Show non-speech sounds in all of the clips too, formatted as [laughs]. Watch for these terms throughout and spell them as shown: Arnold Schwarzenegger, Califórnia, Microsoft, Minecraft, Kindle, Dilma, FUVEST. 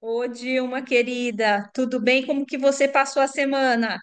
Ô, Dilma, querida, tudo bem? Como que você passou a semana?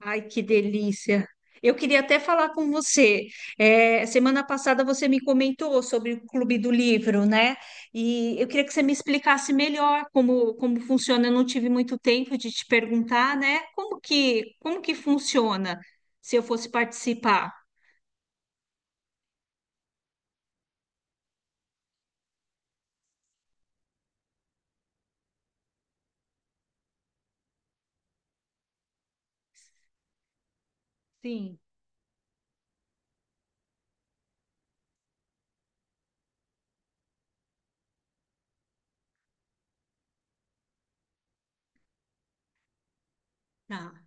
Ai, que delícia! Eu queria até falar com você. É, semana passada você me comentou sobre o Clube do Livro, né? E eu queria que você me explicasse melhor como funciona. Eu não tive muito tempo de te perguntar, né? Como que funciona se eu fosse participar? Sim, tá.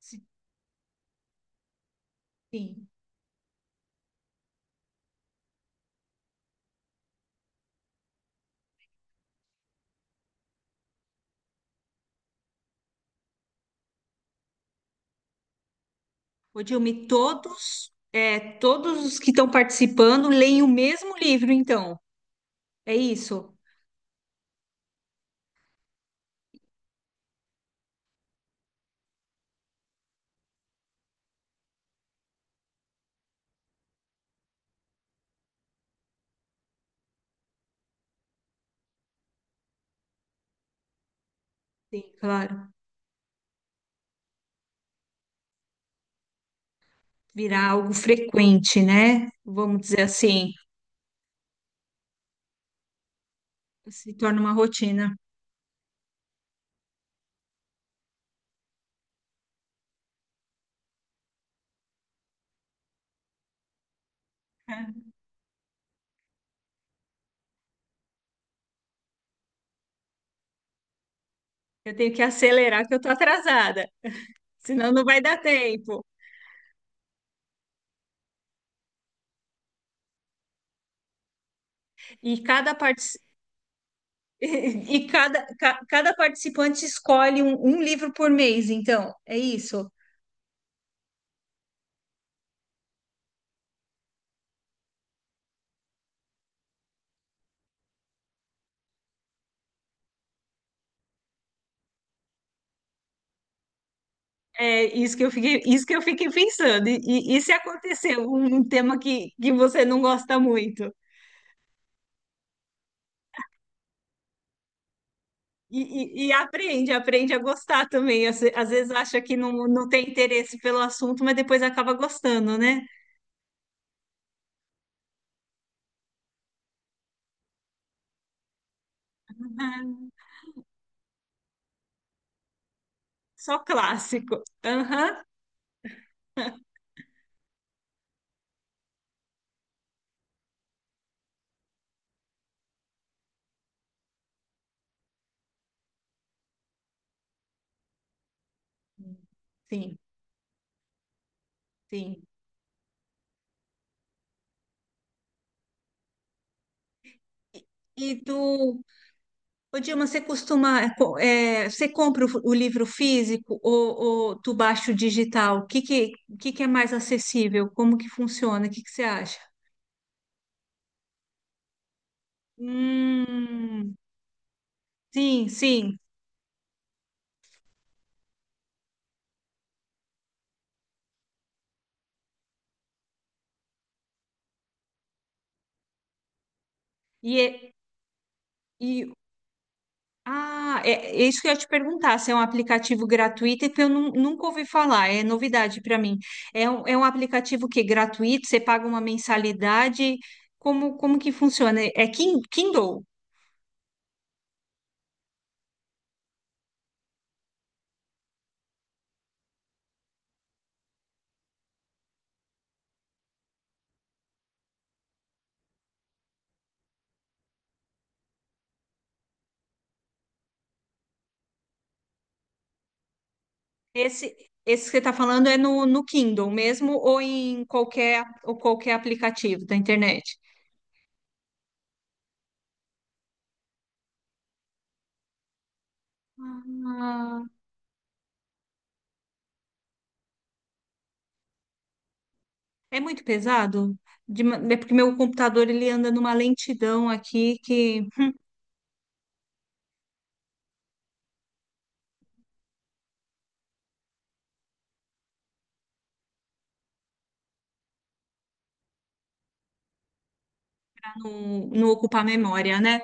Si- Sim. Ô, Dilma, e todos, é, todos os que estão participando leem o mesmo livro, então. É isso? Sim, claro. Virar algo frequente, né? Vamos dizer assim. Se torna uma rotina. Eu tenho que acelerar que eu tô atrasada, senão não vai dar tempo. E cada partici- [laughs] e cada, cada participante escolhe um livro por mês, então, é isso. É isso que eu fiquei, isso que eu fiquei pensando. E, e se acontecer um, um tema que você não gosta muito? E, e aprende, aprende a gostar também. Às vezes acha que não, não tem interesse pelo assunto, mas depois acaba gostando, né? Uhum. Só clássico. Aham. Sim, sim. E tu, ô Dilma, você costuma, é, é, você compra o livro físico ou tu baixa o digital? O que que é mais acessível? Como que funciona? O que que você acha? Hum, sim, sim. E, e Ah, é, é isso que eu ia te perguntar, se é um aplicativo gratuito, é que eu nunca ouvi falar, é novidade para mim. É um aplicativo que é gratuito, você paga uma mensalidade, como, como que funciona? É Kindle? Esse, esse que você está falando é no, no Kindle mesmo ou em qualquer, ou qualquer aplicativo da internet? Ah, é muito pesado? É porque meu computador ele anda numa lentidão aqui que não, não ocupa a memória, né?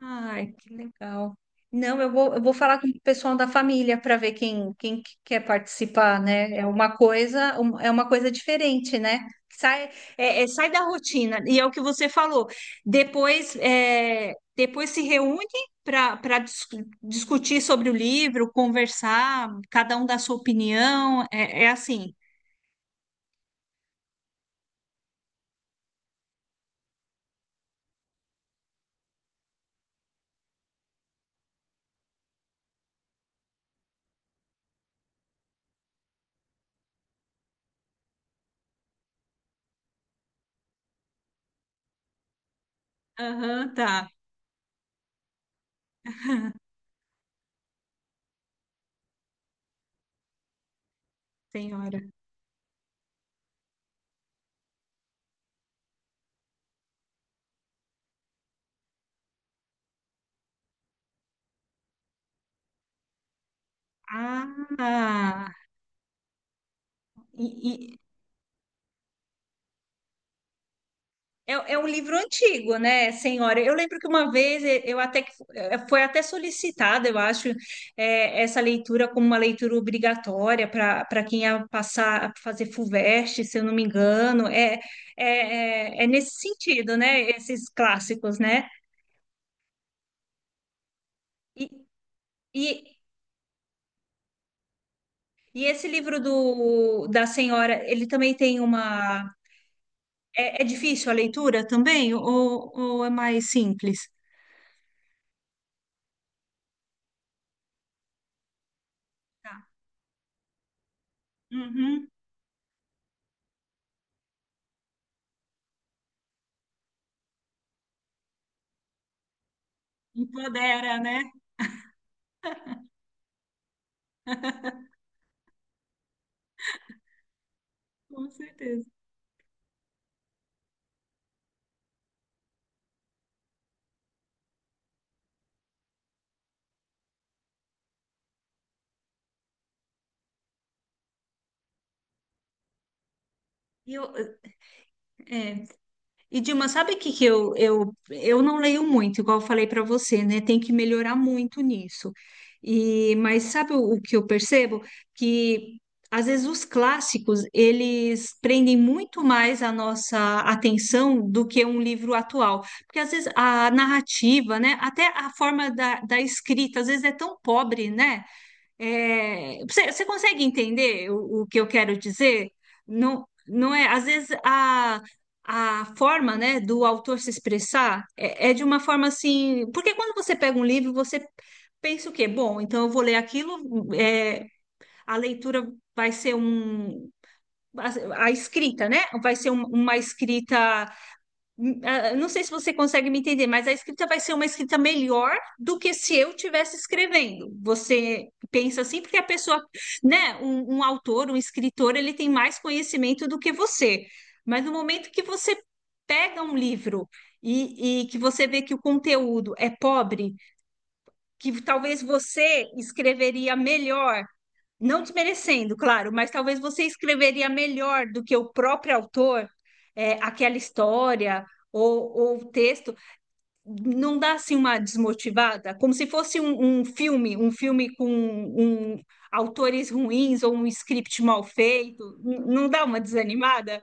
Ai, que legal. Não, eu vou falar com o pessoal da família para ver quem, quem que quer participar, né? É uma coisa, é uma coisa diferente, né? Sai, sai da rotina. E é o que você falou. Depois, é, depois se reúne para discutir sobre o livro, conversar, cada um dá sua opinião. É, é assim. Aham, tá, senhora. Ah, e, É, é um livro antigo, né, senhora? Eu lembro que uma vez eh, eu até que eh, foi até solicitada, eu acho, eh, essa leitura como uma leitura obrigatória para quem ia passar a fazer FUVEST, se eu não me engano. É nesse sentido, né? Esses clássicos, né? E, e, e esse livro do, da senhora, ele também tem uma. É, é difícil a leitura também? Ou é mais simples? Tá. Uhum. Empodera, né? Com certeza. E eu, é. E Dilma, sabe o que que eu, eu não leio muito, igual eu falei para você, né? Tem que melhorar muito nisso. E, mas sabe o que eu percebo? Que às vezes os clássicos, eles prendem muito mais a nossa atenção do que um livro atual. Porque às vezes a narrativa, né? Até a forma da, da escrita, às vezes é tão pobre, né? É, você, você consegue entender o que eu quero dizer? Não, não é, às vezes a forma, né, do autor se expressar é, é de uma forma assim, porque quando você pega um livro, você pensa o quê? Bom, então eu vou ler aquilo, é, a leitura vai ser um, a escrita, né? Vai ser uma escrita ah, não sei se você consegue me entender, mas a escrita vai ser uma escrita melhor do que se eu estivesse escrevendo. Você pensa assim, porque a pessoa, né, um autor, um escritor, ele tem mais conhecimento do que você. Mas no momento que você pega um livro e que você vê que o conteúdo é pobre, que talvez você escreveria melhor não desmerecendo, claro, mas talvez você escreveria melhor do que o próprio autor, é, aquela história ou o texto. Não dá assim uma desmotivada, como se fosse um, um filme com um, autores ruins ou um script mal feito. Não dá uma desanimada?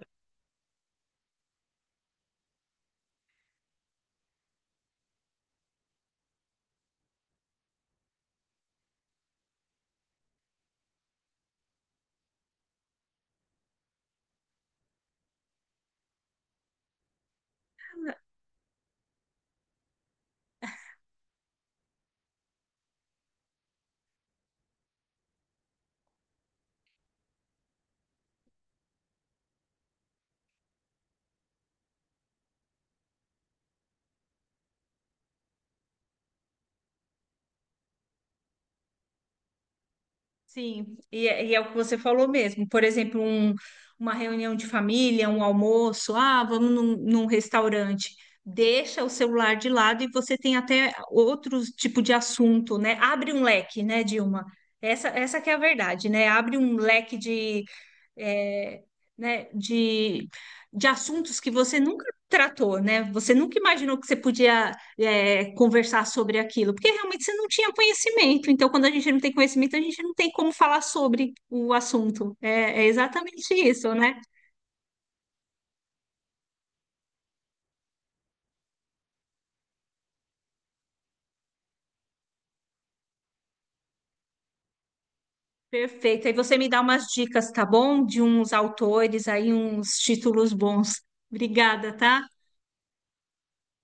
Sim, e é o que você falou mesmo. Por exemplo, uma reunião de família, um almoço, ah, vamos num, num restaurante. Deixa o celular de lado e você tem até outros tipo de assunto, né? Abre um leque, né, Dilma? Essa que é a verdade, né? Abre um leque é, né, de assuntos que você nunca tratou, né? Você nunca imaginou que você podia, é, conversar sobre aquilo, porque realmente você não tinha conhecimento. Então, quando a gente não tem conhecimento, a gente não tem como falar sobre o assunto. É, é exatamente isso, né? Perfeito. Aí você me dá umas dicas, tá bom? De uns autores aí, uns títulos bons. Obrigada, tá?